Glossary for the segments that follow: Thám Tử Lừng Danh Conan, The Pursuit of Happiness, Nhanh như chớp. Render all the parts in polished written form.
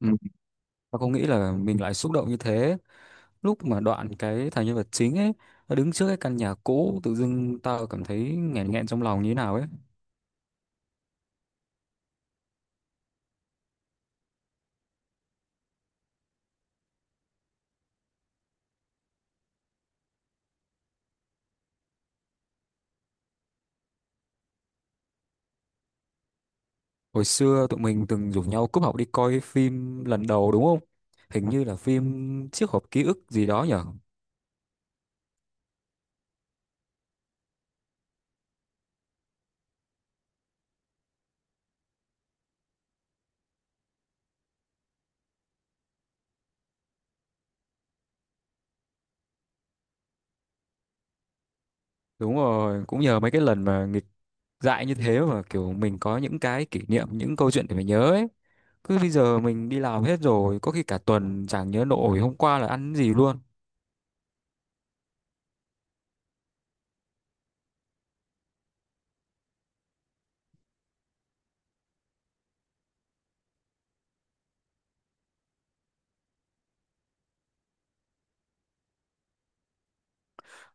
Ừ. Và không nghĩ là mình lại xúc động như thế lúc mà đoạn cái thằng nhân vật chính ấy nó đứng trước cái căn nhà cũ tự dưng tao cảm thấy nghẹn nghẹn trong lòng như thế nào ấy. Hồi xưa tụi mình từng rủ nhau cúp học đi coi phim lần đầu đúng không? Hình như là phim chiếc hộp ký ức gì đó nhở. Đúng rồi, cũng nhờ mấy cái lần mà nghịch dại như thế mà kiểu mình có những cái kỷ niệm, những câu chuyện để mình nhớ ấy. Cứ bây giờ mình đi làm hết rồi có khi cả tuần chẳng nhớ nổi hôm qua là ăn gì luôn.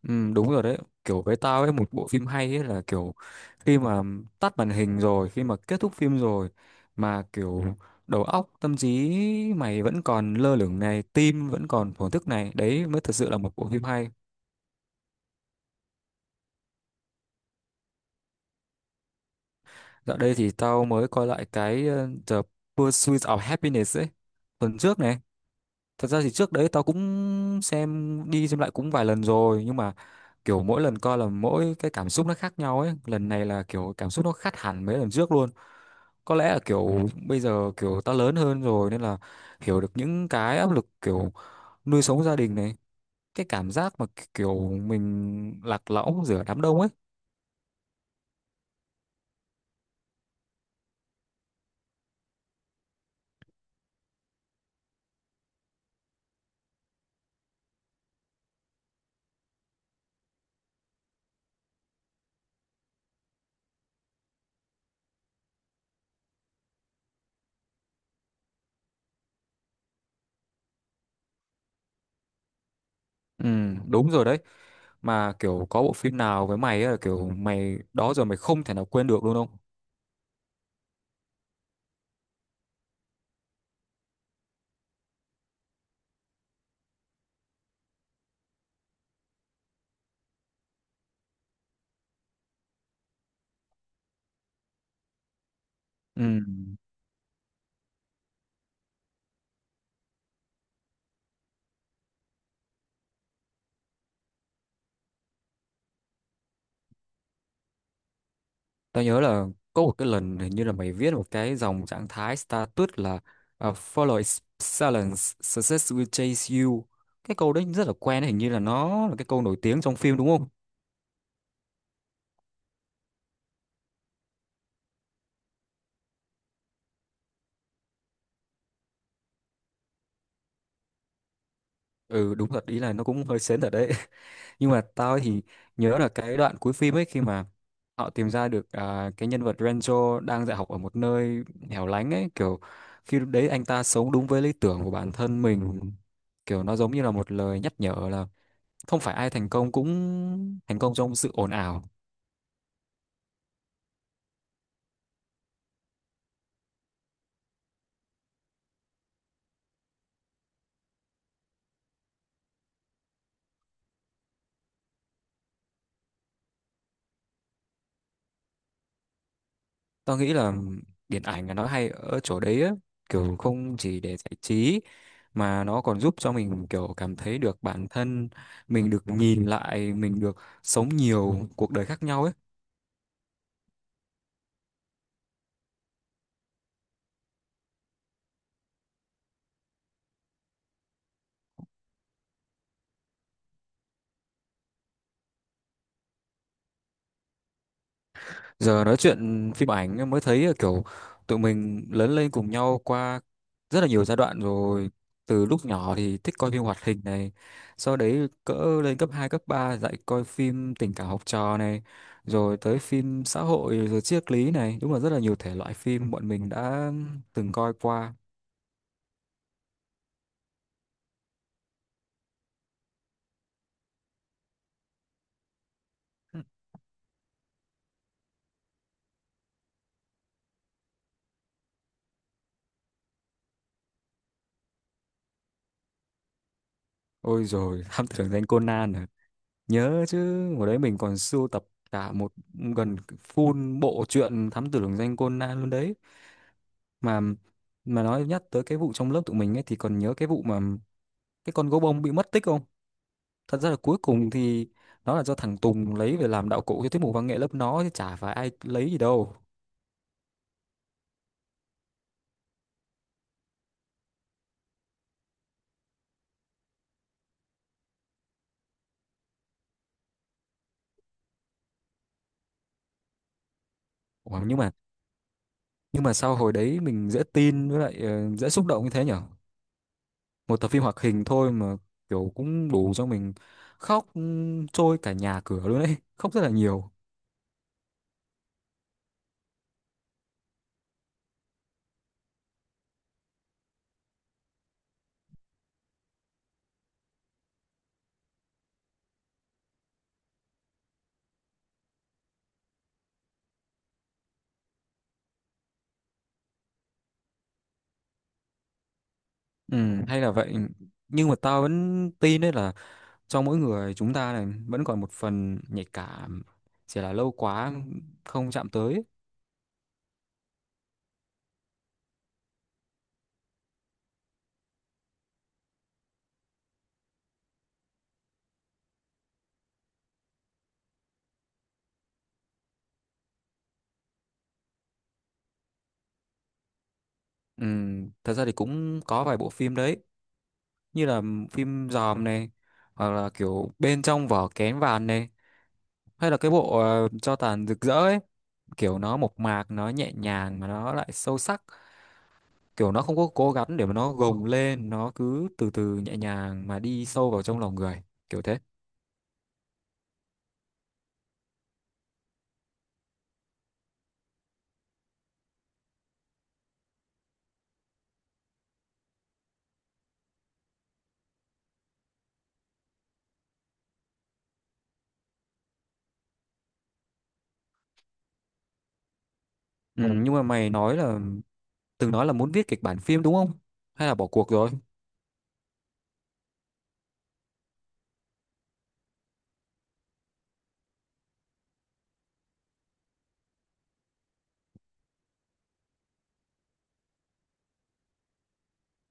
Ừ, đúng rồi đấy, kiểu với tao ấy một bộ phim hay ấy là kiểu khi mà tắt màn hình rồi, khi mà kết thúc phim rồi mà kiểu đầu óc tâm trí mày vẫn còn lơ lửng này, tim vẫn còn thổn thức này, đấy mới thật sự là một bộ phim hay. Dạo đây thì tao mới coi lại cái The Pursuit of Happiness ấy, tuần trước này. Thật ra thì trước đấy tao cũng xem đi xem lại cũng vài lần rồi nhưng mà kiểu mỗi lần coi là mỗi cái cảm xúc nó khác nhau ấy, lần này là kiểu cảm xúc nó khác hẳn mấy lần trước luôn. Có lẽ là kiểu bây giờ kiểu tao lớn hơn rồi nên là hiểu được những cái áp lực kiểu nuôi sống gia đình này, cái cảm giác mà kiểu mình lạc lõng giữa đám đông ấy. Ừ, đúng rồi đấy, mà kiểu có bộ phim nào với mày ấy là kiểu mày đó giờ mày không thể nào quên được luôn không? Ừ. Tao nhớ là có một cái lần hình như là mày viết một cái dòng trạng thái status là à, Follow is silence, success will chase you. Cái câu đấy rất là quen, hình như là nó là cái câu nổi tiếng trong phim đúng không? Ừ đúng thật, ý là nó cũng hơi sến thật đấy. Nhưng mà tao thì nhớ là cái đoạn cuối phim ấy khi mà họ tìm ra được cái nhân vật Renzo đang dạy học ở một nơi hẻo lánh ấy, kiểu khi lúc đấy anh ta sống đúng với lý tưởng của bản thân mình. Kiểu nó giống như là một lời nhắc nhở là không phải ai thành công cũng thành công trong sự ồn ào. Tao nghĩ là điện ảnh là nó hay ở chỗ đấy á, kiểu không chỉ để giải trí mà nó còn giúp cho mình kiểu cảm thấy được bản thân mình, được nhìn lại mình, được sống nhiều cuộc đời khác nhau ấy. Giờ nói chuyện phim ảnh em mới thấy là kiểu tụi mình lớn lên cùng nhau qua rất là nhiều giai đoạn rồi. Từ lúc nhỏ thì thích coi phim hoạt hình này, sau đấy cỡ lên cấp 2 cấp 3 dạy coi phim tình cảm học trò này, rồi tới phim xã hội, rồi triết lý này. Đúng là rất là nhiều thể loại phim bọn mình đã từng coi qua. Ôi rồi Thám Tử Danh Conan à. Nhớ chứ, hồi đấy mình còn sưu tập cả một gần full bộ truyện Thám Tử Lừng Danh Conan luôn đấy. mà mà nói nhắc tới cái vụ trong lớp tụi mình ấy thì còn nhớ cái vụ mà cái con gấu bông bị mất tích không? Thật ra là cuối cùng thì nó là do thằng Tùng lấy về làm đạo cụ cho tiết mục văn nghệ lớp nó chứ chả phải ai lấy gì đâu. Ủa, nhưng mà sao hồi đấy mình dễ tin với lại dễ xúc động như thế nhở? Một tập phim hoạt hình thôi mà kiểu cũng đủ cho mình khóc trôi cả nhà cửa luôn đấy. Khóc rất là nhiều. Ừ, hay là vậy, nhưng mà tao vẫn tin đấy là trong mỗi người chúng ta này vẫn còn một phần nhạy cảm, chỉ là lâu quá không chạm tới. Thật ra thì cũng có vài bộ phim đấy, như là phim Dòm này, hoặc là kiểu bên trong vỏ kén vàng này, hay là cái bộ cho tàn rực rỡ ấy, kiểu nó mộc mạc, nó nhẹ nhàng mà nó lại sâu sắc, kiểu nó không có cố gắng để mà nó gồng lên, nó cứ từ từ nhẹ nhàng mà đi sâu vào trong lòng người, kiểu thế. Nhưng mà mày nói là từng nói là muốn viết kịch bản phim đúng không, hay là bỏ cuộc rồi?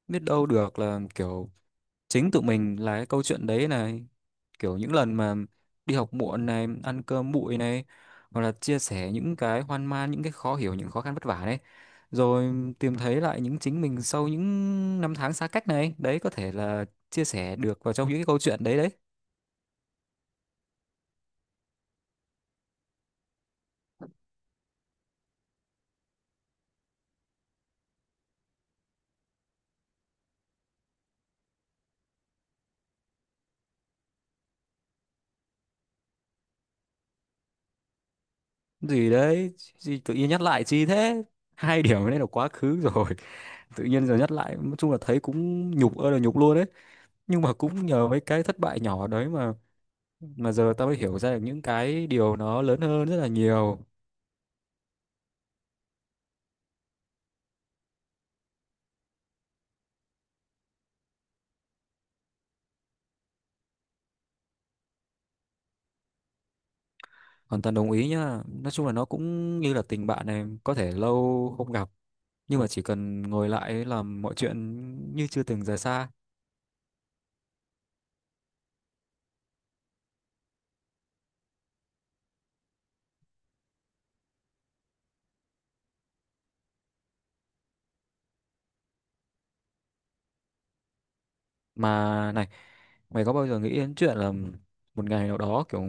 Biết đâu được là kiểu chính tụi mình là cái câu chuyện đấy này, kiểu những lần mà đi học muộn này, ăn cơm bụi này, hoặc là chia sẻ những cái hoang mang, những cái khó hiểu, những khó khăn vất vả đấy, rồi tìm thấy lại những chính mình sau những năm tháng xa cách này, đấy có thể là chia sẻ được vào trong những cái câu chuyện đấy đấy. Gì đấy? Gì tự nhiên nhắc lại chi thế? 2 điểm này là quá khứ rồi. Tự nhiên giờ nhắc lại nói chung là thấy cũng nhục ơi là nhục luôn đấy. Nhưng mà cũng nhờ mấy cái thất bại nhỏ đấy mà giờ tao mới hiểu ra được những cái điều nó lớn hơn rất là nhiều. Hoàn toàn đồng ý nhá, nói chung là nó cũng như là tình bạn này, có thể lâu không gặp nhưng mà chỉ cần ngồi lại ấy, làm mọi chuyện như chưa từng rời xa. Mà này, mày có bao giờ nghĩ đến chuyện là một ngày nào đó kiểu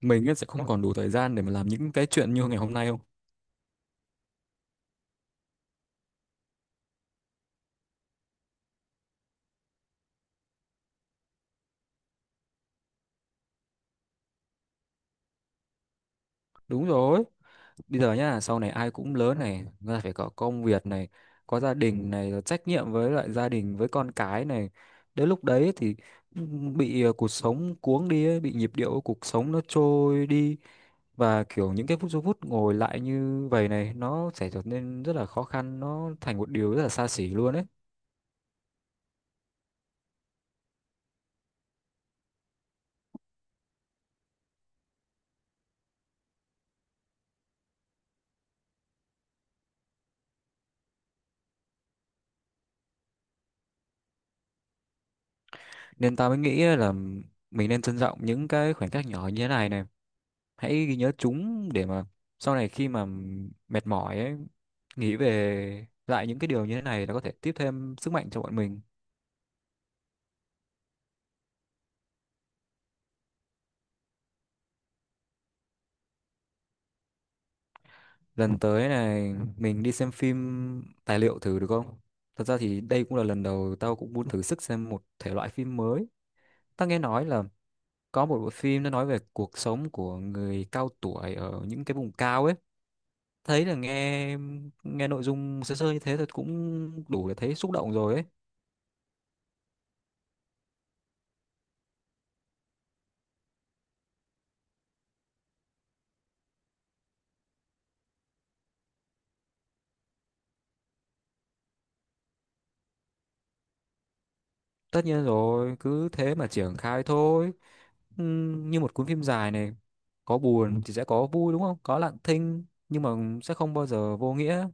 mình ấy sẽ không còn đủ thời gian để mà làm những cái chuyện như ngày hôm nay không? Đúng rồi, bây giờ nhá, sau này ai cũng lớn này, người ta phải có công việc này, có gia đình này, rồi trách nhiệm với lại gia đình, với con cái này, đến lúc đấy thì ừ, bị cuộc sống cuống đi ấy, bị nhịp điệu của cuộc sống nó trôi đi, và kiểu những cái phút ngồi lại như vậy này nó sẽ trở nên rất là khó khăn, nó thành một điều rất là xa xỉ luôn ấy. Nên ta mới nghĩ là mình nên trân trọng những cái khoảnh khắc nhỏ như thế này này, hãy ghi nhớ chúng để mà sau này khi mà mệt mỏi ấy, nghĩ về lại những cái điều như thế này nó có thể tiếp thêm sức mạnh cho bọn mình. Lần tới này mình đi xem phim tài liệu thử được không? Thật ra thì đây cũng là lần đầu tao cũng muốn thử sức xem một thể loại phim mới. Tao nghe nói là có một bộ phim nó nói về cuộc sống của người cao tuổi ở những cái vùng cao ấy, thấy là nghe nghe nội dung sơ sơ như thế thôi cũng đủ để thấy xúc động rồi ấy. Tất nhiên rồi, cứ thế mà triển khai thôi. Như một cuốn phim dài này, có buồn thì sẽ có vui đúng không? Có lặng thinh nhưng mà sẽ không bao giờ vô nghĩa.